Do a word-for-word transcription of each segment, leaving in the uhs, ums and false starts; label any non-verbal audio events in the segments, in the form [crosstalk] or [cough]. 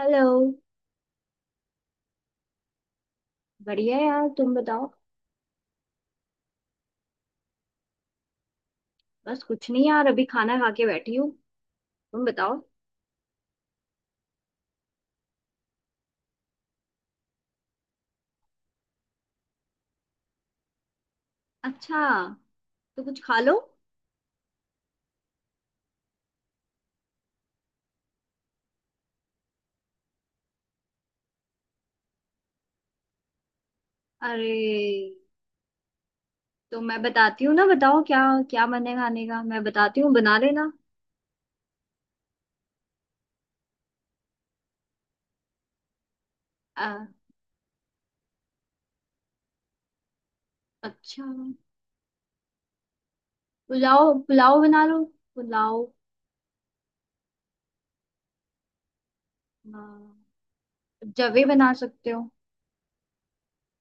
Hello. बढ़िया यार, तुम बताओ। बस कुछ नहीं यार, अभी खाना खा के बैठी हूँ। तुम बताओ। अच्छा, तो कुछ खा लो। अरे, तो मैं बताती हूँ ना, बताओ क्या क्या बने खाने का, मैं बताती हूँ बना लेना। अ, अच्छा, पुलाव पुलाव बना लो। पुलाव। अ, जवे बना सकते हो?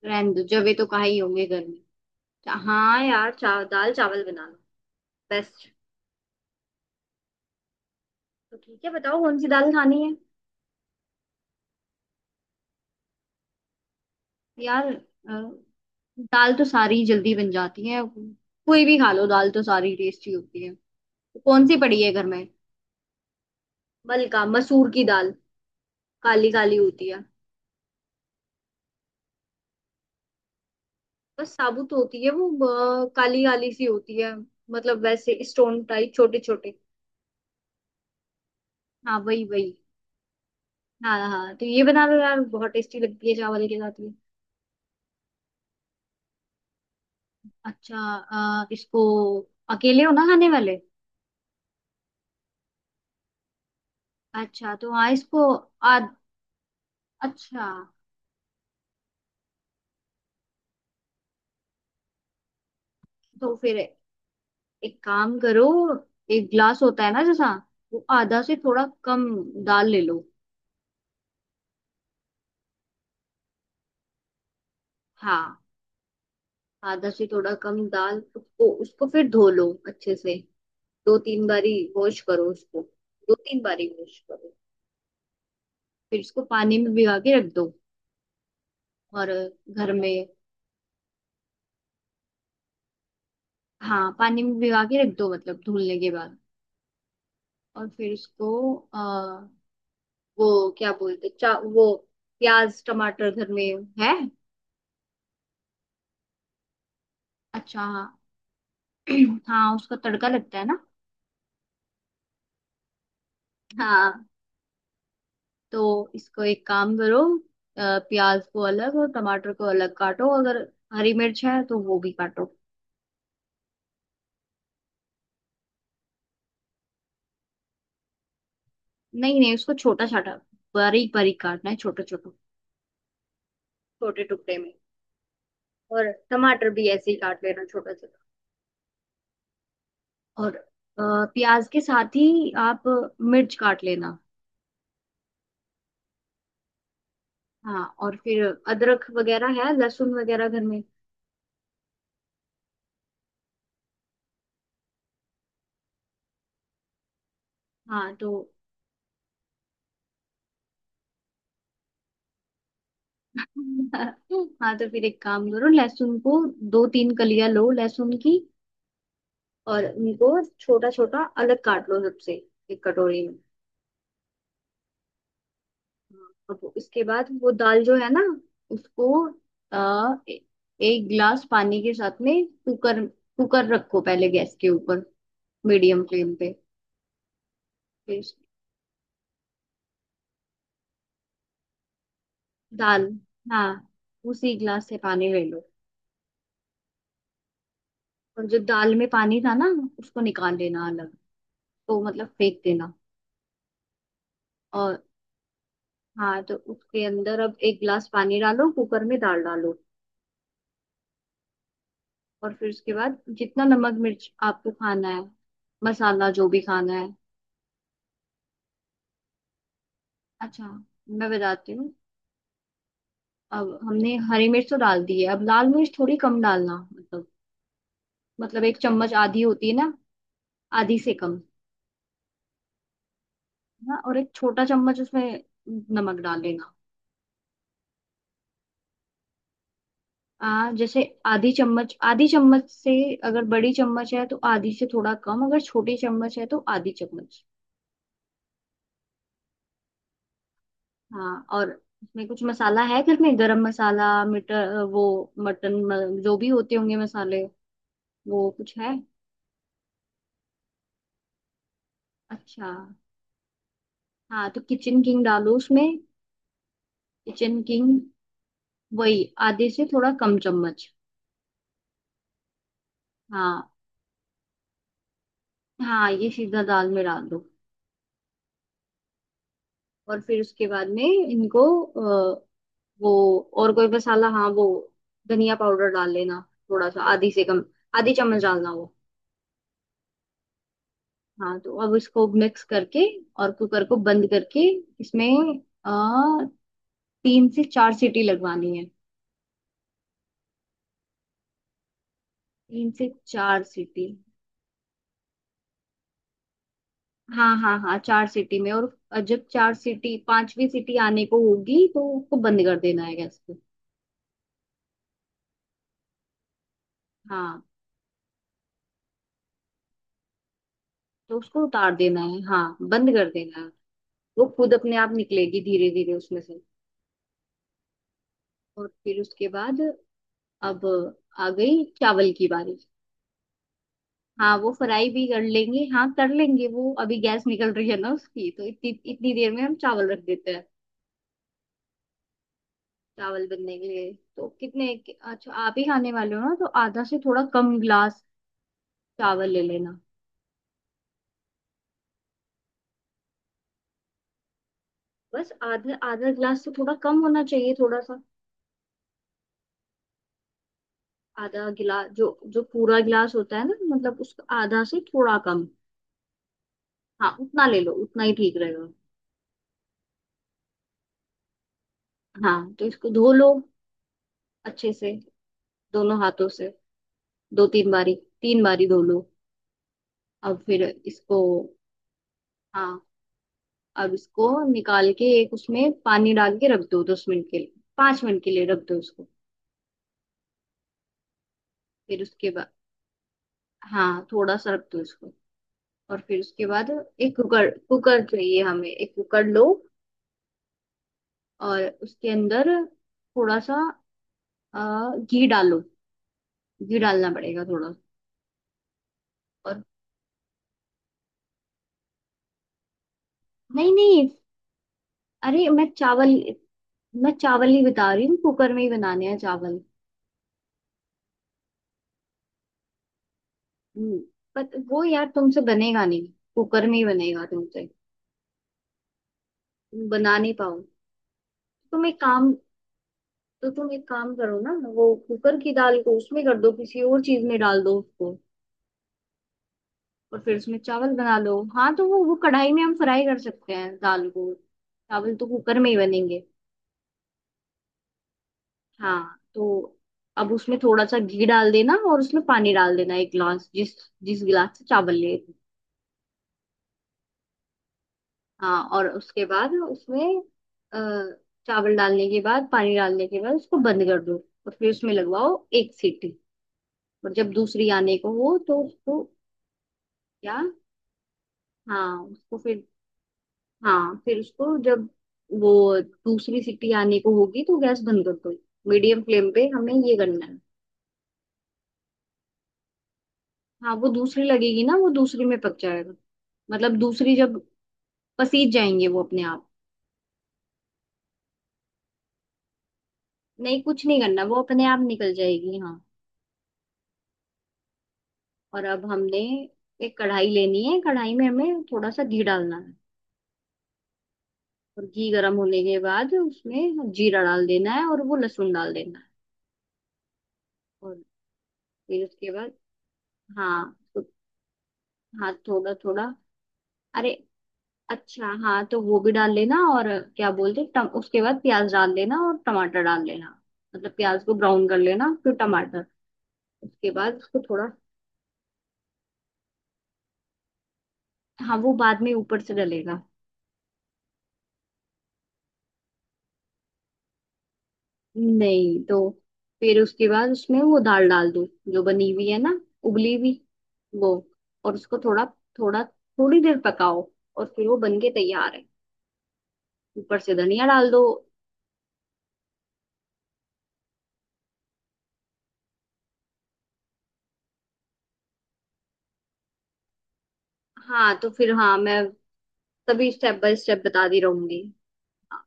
रहने दो, जवे तो कहाँ ही होंगे घर में। हाँ यार, चा, दाल चावल बना लो। बेस्ट। तो ठीक है, बताओ कौन सी दाल खानी है? यार, दाल तो सारी जल्दी बन जाती है। कोई भी खा लो, दाल तो सारी टेस्टी होती है। तो कौन सी पड़ी है घर में? मलका मसूर की दाल। काली काली होती है। बस साबुत होती है वो। काली काली सी होती है। मतलब वैसे स्टोन टाइप, छोटे छोटे। हाँ वही वही। हाँ हाँ, तो ये बना लो यार, बहुत टेस्टी लगती है चावल के साथ ये। अच्छा। अ, इसको अकेले हो ना खाने वाले? अच्छा, तो हाँ, इसको। आद, अच्छा, तो फिर एक काम करो। एक ग्लास होता है ना जैसा, वो आधा से थोड़ा कम दाल ले लो। हाँ, आधा से थोड़ा कम दाल, उसको उसको फिर धो लो अच्छे से। दो तीन बारी वॉश करो उसको। दो तीन बारी वॉश करो। फिर इसको पानी में भिगा के रख दो। और घर में, हाँ पानी में भिगा के रख दो, मतलब धुलने के बाद। और फिर इसको आ, वो क्या बोलते चा वो, प्याज टमाटर घर में है? अच्छा हाँ। [clears throat] हाँ, उसका तड़का लगता है ना। हाँ, तो इसको एक काम करो। अ, प्याज को अलग और टमाटर को अलग काटो। अगर हरी मिर्च है तो वो भी काटो। नहीं नहीं, उसको छोटा छोटा, बारीक बारीक काटना है, छोटे छोटे, छोटे टुकड़े में। और टमाटर भी ऐसे ही काट लेना, छोटा छोटा। और अ, प्याज के साथ ही आप मिर्च काट लेना। हाँ, और फिर अदरक वगैरह है, लहसुन वगैरह घर में? हाँ तो। [laughs] हाँ, तो फिर एक काम करो, लहसुन को दो तीन कलियां लो लहसुन की। और उनको छोटा छोटा अलग काट लो सबसे, एक कटोरी में। हाँ, अब इसके बाद वो दाल जो है ना, उसको आ, ए, एक गिलास पानी के साथ में कुकर, कुकर रखो पहले गैस के ऊपर, मीडियम फ्लेम पे। फिर उस- दाल। हाँ, उसी गिलास से पानी ले लो। और जो दाल में पानी था ना, उसको निकाल लेना अलग, तो मतलब फेंक देना। और हाँ, तो उसके अंदर अब एक गिलास पानी डालो कुकर में, दाल डालो। और फिर उसके बाद जितना नमक मिर्च आपको खाना है, मसाला जो भी खाना है। अच्छा, मैं बताती हूँ। अब हमने हरी मिर्च तो डाल दी है, अब लाल मिर्च थोड़ी कम डालना, मतलब, मतलब एक चम्मच आधी होती है ना, आधी से कम। ना, और एक छोटा चम्मच उसमें नमक डाल लेना। आ, जैसे आधी चम्मच, आधी चम्मच से। अगर बड़ी चम्मच है तो आधी से थोड़ा कम, अगर छोटी चम्मच है तो आधी चम्मच। हाँ, और इसमें कुछ मसाला है घर में? गरम मसाला, मटर वो, मटन म- जो भी होते होंगे मसाले, वो कुछ है? अच्छा, हाँ तो किचन किंग डालो उसमें। किचन किंग, वही आधे से थोड़ा कम चम्मच। हाँ। हाँ, ये सीधा दाल में डाल दो। और फिर उसके बाद में इनको अ, वो और कोई मसाला, हाँ वो, धनिया पाउडर डाल लेना, थोड़ा सा, आधी से कम। आधी चम्मच डालना वो। हाँ, तो अब इसको मिक्स करके और कुकर को बंद करके, इसमें आ, तीन से चार सीटी लगवानी है। तीन से चार सीटी। हाँ हाँ हाँ, चार सीटी में। और जब चार सीटी, पांचवी सीटी आने को होगी, तो उसको बंद कर देना है गैस को। हाँ, तो उसको उतार देना है, हाँ बंद कर देना है। वो खुद अपने आप निकलेगी धीरे धीरे उसमें से। और फिर उसके बाद अब आ गई चावल की बारी। हाँ, वो फ्राई भी कर लेंगे, हाँ कर लेंगे वो। अभी गैस निकल रही है ना उसकी, तो इतनी इतनी देर में हम चावल रख देते हैं चावल बनने के लिए। तो कितने कि- अच्छा, आप ही खाने वाले हो ना, तो आधा से थोड़ा कम गिलास चावल ले लेना। बस आधा, आधा गिलास से थोड़ा कम होना चाहिए, थोड़ा सा। आधा गिलास जो, जो पूरा गिलास होता है ना, मतलब उसका आधा से थोड़ा कम। हाँ, उतना ले लो, उतना ही ठीक रहेगा। हाँ, तो इसको धो लो अच्छे से, दोनों हाथों से। दो तीन बारी, तीन बारी धो लो। अब फिर इसको, हाँ, अब इसको निकाल के एक उसमें पानी डाल के रख दो, दस मिनट के लिए, पांच मिनट के लिए रख दो उसको। फिर उसके बाद, हाँ, थोड़ा सा रख दो इसको। और फिर उसके बाद एक कुकर कुकर चाहिए हमें, एक कुकर लो। और उसके अंदर थोड़ा सा अ, घी डालो, घी डालना पड़ेगा थोड़ा। और नहीं नहीं, अरे मैं चावल, मैं चावल ही बता रही हूँ, कुकर में ही बनाने हैं चावल। हम्म, पर वो यार तुमसे बनेगा नहीं, कुकर में ही बनेगा तुमसे। तुम बना नहीं पाओ। तुम एक काम, तो तुम एक काम करो ना, वो कुकर की दाल को उसमें कर दो, किसी और चीज में डाल दो उसको। और फिर उसमें चावल बना लो। हाँ, तो वो वो कढ़ाई में हम फ्राई कर सकते हैं दाल को, चावल तो कुकर में ही बनेंगे। हाँ, तो अब उसमें थोड़ा सा घी डाल देना, और उसमें पानी डाल देना, एक गिलास, जिस जिस गिलास से चावल लिए थे। हाँ, और उसके बाद उसमें अ, चावल डालने के बाद, पानी डालने के बाद, उसको बंद कर दो। और फिर उसमें लगवाओ एक सीटी, और जब दूसरी आने को हो तो उसको, क्या? हाँ, उसको फिर, हाँ, फिर उसको जब वो दूसरी सीटी आने को होगी, तो गैस बंद कर दो। मीडियम फ्लेम पे हमें ये करना है। हाँ, वो दूसरी लगेगी ना, वो दूसरी में पक जाएगा, मतलब दूसरी जब पसीज जाएंगे वो अपने आप। नहीं, कुछ नहीं करना, वो अपने आप निकल जाएगी, हाँ। और अब हमने एक कढ़ाई लेनी है, कढ़ाई में हमें थोड़ा सा घी डालना है। और घी गर्म होने के बाद उसमें जीरा डाल देना है, और वो लहसुन डाल देना है। और फिर उसके बाद, हाँ तो- हाँ, थोड़ा थोड़ा। अरे, अच्छा हाँ, तो वो भी डाल लेना। और क्या बोलते हैं, टम, उसके बाद प्याज डाल लेना और टमाटर डाल लेना। मतलब प्याज को ब्राउन कर लेना, फिर टमाटर। उसके बाद उसको थोड़ा, हाँ, वो बाद में ऊपर से डलेगा। नहीं, तो फिर उसके बाद उसमें वो दाल डाल दो, जो बनी हुई है ना, उबली हुई वो। और उसको थोड़ा थोड़ा थोड़ी देर पकाओ, और फिर वो बन के तैयार है, ऊपर से धनिया डाल दो। हाँ तो फिर, हाँ, मैं तभी स्टेप बाय स्टेप बताती रहूंगी। हाँ,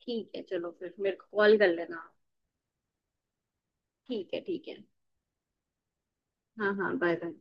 ठीक है, चलो फिर मेरे को कॉल कर लेना। ठीक है, ठीक है। हाँ हाँ, बाय बाय।